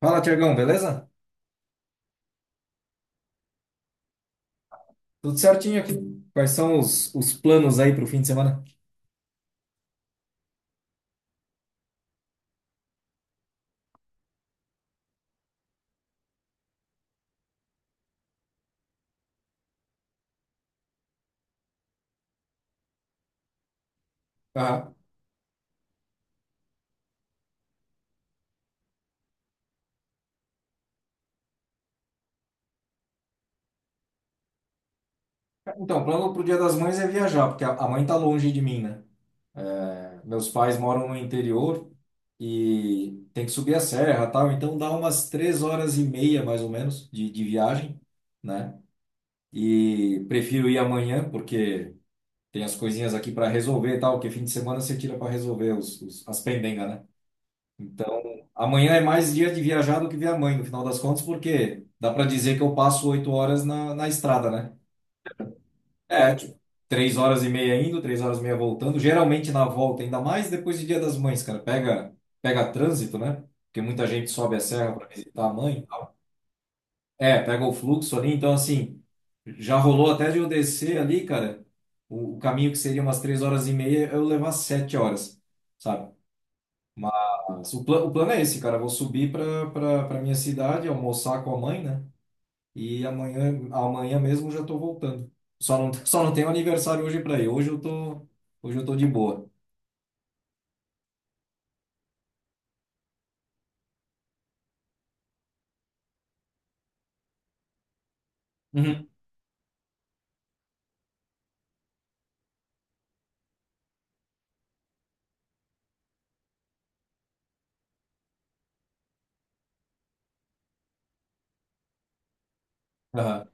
Fala, Tiagão, beleza? Tudo certinho aqui. Quais são os planos aí para o fim de semana? Ah, então, o plano pro Dia das Mães é viajar, porque a mãe tá longe de mim, né? Meus pais moram no interior e tem que subir a serra, tal. Então dá umas três horas e meia, mais ou menos, de viagem, né? E prefiro ir amanhã, porque tem as coisinhas aqui para resolver, e tal. Que fim de semana você tira para resolver as pendengas, né? Então, amanhã é mais dia de viajar do que ver a mãe, no final das contas, porque dá para dizer que eu passo oito horas na estrada, né? É, tipo, três horas e meia indo, três horas e meia voltando. Geralmente na volta, ainda mais depois do Dia das Mães, cara. Pega trânsito, né? Porque muita gente sobe a serra para visitar a mãe. É, pega o fluxo ali. Então, assim, já rolou até de eu descer ali, cara. O caminho que seria umas três horas e meia, eu levar sete horas, sabe? Mas o plano é esse, cara. Eu vou subir para minha cidade, almoçar com a mãe, né? E amanhã mesmo eu já tô voltando. Só não, só não tenho aniversário hoje para ir. Hoje eu tô de boa. Uhum. Aham.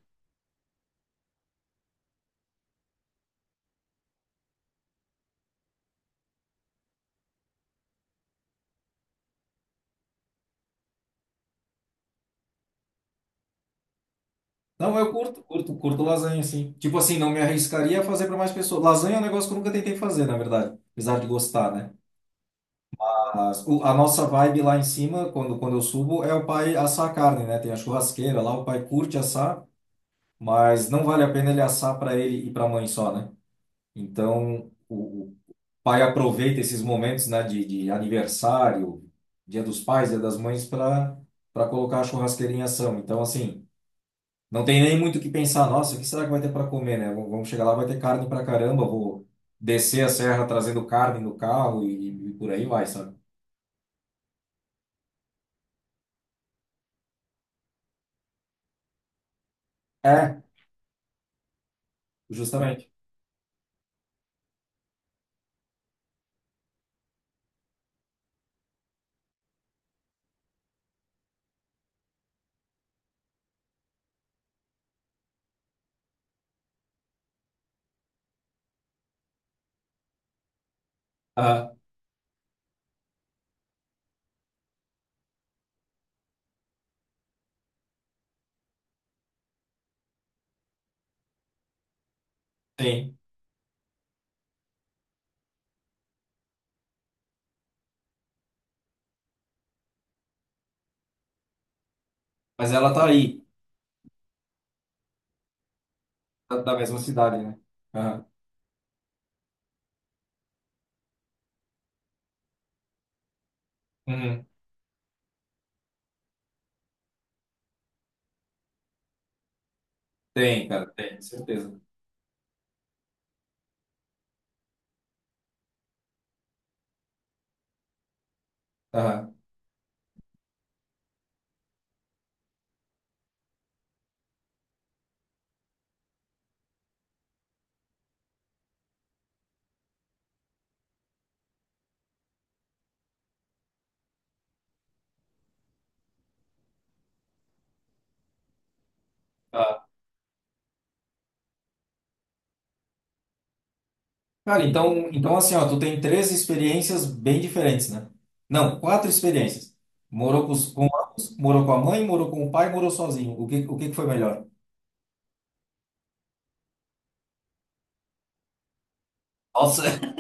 Não, eu curto lasanha, sim. Tipo assim, não me arriscaria a fazer para mais pessoas. Lasanha é um negócio que eu nunca tentei fazer, na verdade. Apesar de gostar, né? A nossa vibe lá em cima, quando eu subo, é o pai assar a carne, né? Tem a churrasqueira lá, o pai curte assar, mas não vale a pena ele assar para ele e para a mãe só, né? Então, o pai aproveita esses momentos, né, de aniversário, Dia dos Pais, Dia das Mães, para colocar a churrasqueira em ação. Então, assim, não tem nem muito o que pensar. Nossa, o que será que vai ter para comer, né? Vamos chegar lá, vai ter carne para caramba. Vou descer a serra trazendo carne no carro e por aí vai, sabe? É, justamente. Ah, tem. Mas ela tá aí, da da mesma cidade, né? Aham. Uhum. Tem, cara, tem, certeza. Aham. Cara, então assim, ó, tu tem três experiências bem diferentes, né? Não, quatro experiências. Morou com ambos, morou com a mãe, morou com o pai, morou sozinho. O que que foi melhor? Nossa.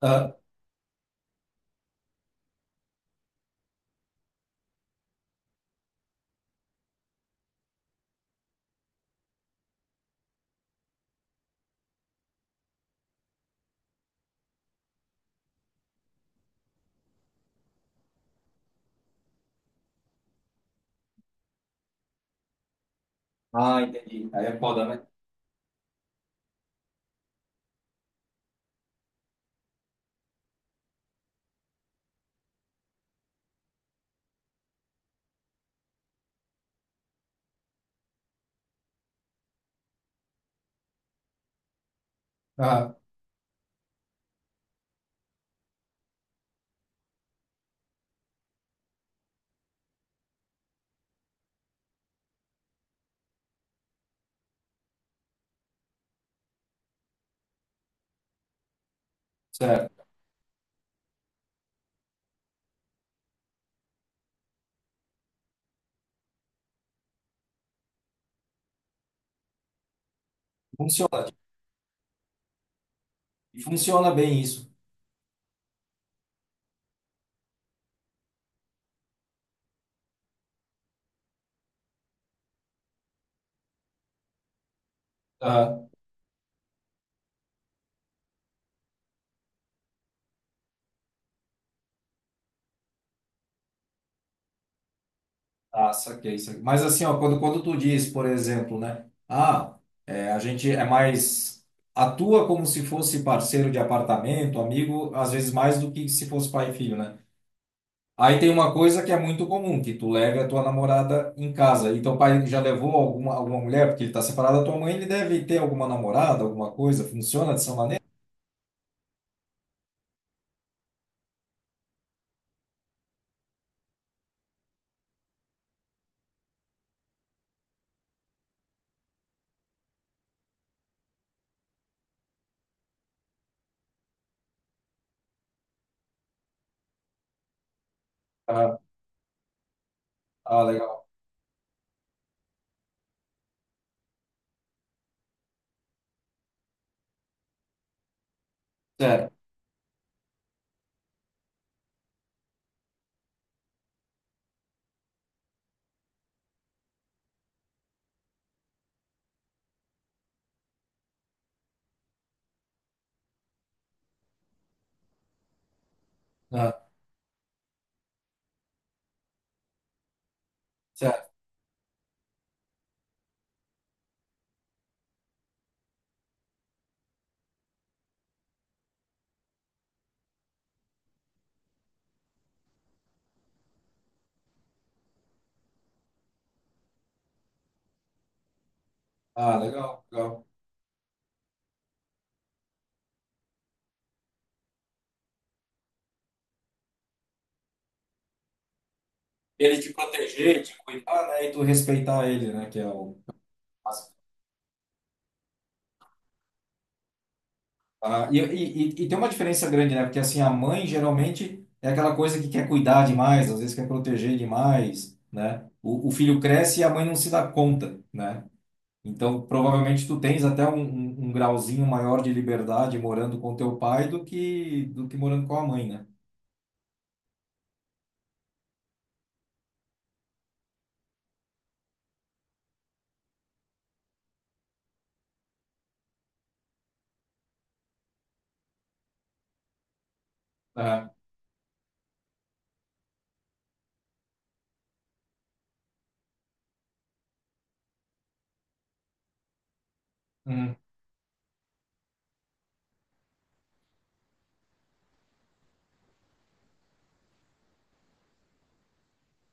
Ah, ah, entendi. Aí é foda, né? Ah, certo. Funciona. E funciona bem isso. Ah, saquei. Mas assim, ó, quando tu diz, por exemplo, né? Ah, é, a gente é mais... Atua como se fosse parceiro de apartamento, amigo, às vezes mais do que se fosse pai e filho, né? Aí tem uma coisa que é muito comum, que tu leve a tua namorada em casa. E teu pai já levou alguma mulher, porque ele está separado da tua mãe, ele deve ter alguma namorada, alguma coisa. Funciona dessa maneira? Ah, ah, legal. Certo. Ah, certo. Ah, legal, legal. Ele te proteger, te cuidar, né? E tu respeitar ele, né? Que é o básico. Ah, e tem uma diferença grande, né? Porque assim, a mãe geralmente é aquela coisa que quer cuidar demais, às vezes quer proteger demais, né? O filho cresce e a mãe não se dá conta, né? Então, provavelmente tu tens até um grauzinho maior de liberdade morando com teu pai do que morando com a mãe, né? Aham. Uhum.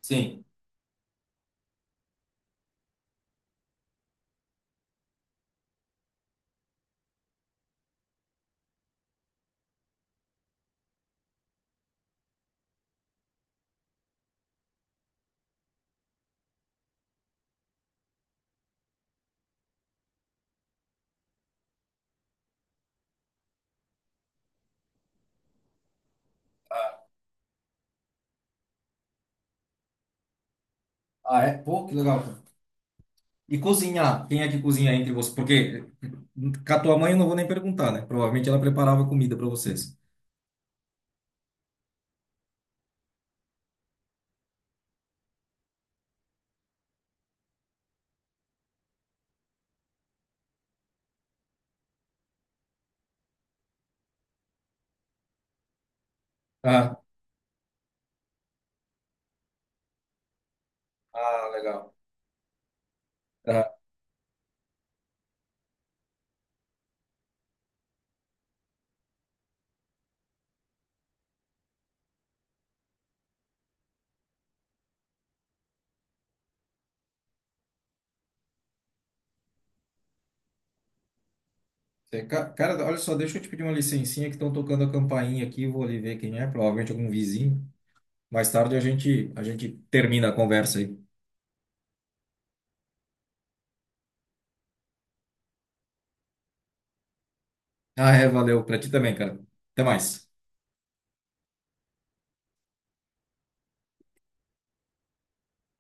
Sim. Ah, é? Pô, que legal, cara. E cozinhar? Quem é que cozinha entre vocês? Porque com a tua mãe eu não vou nem perguntar, né? Provavelmente ela preparava comida para vocês. Ah, ah, legal. Ah, cara, olha só, deixa eu te pedir uma licencinha que estão tocando a campainha aqui, vou ali ver quem é, provavelmente algum vizinho. Mais tarde a gente termina a conversa aí. Ah, é, valeu, para ti também, cara. Até mais.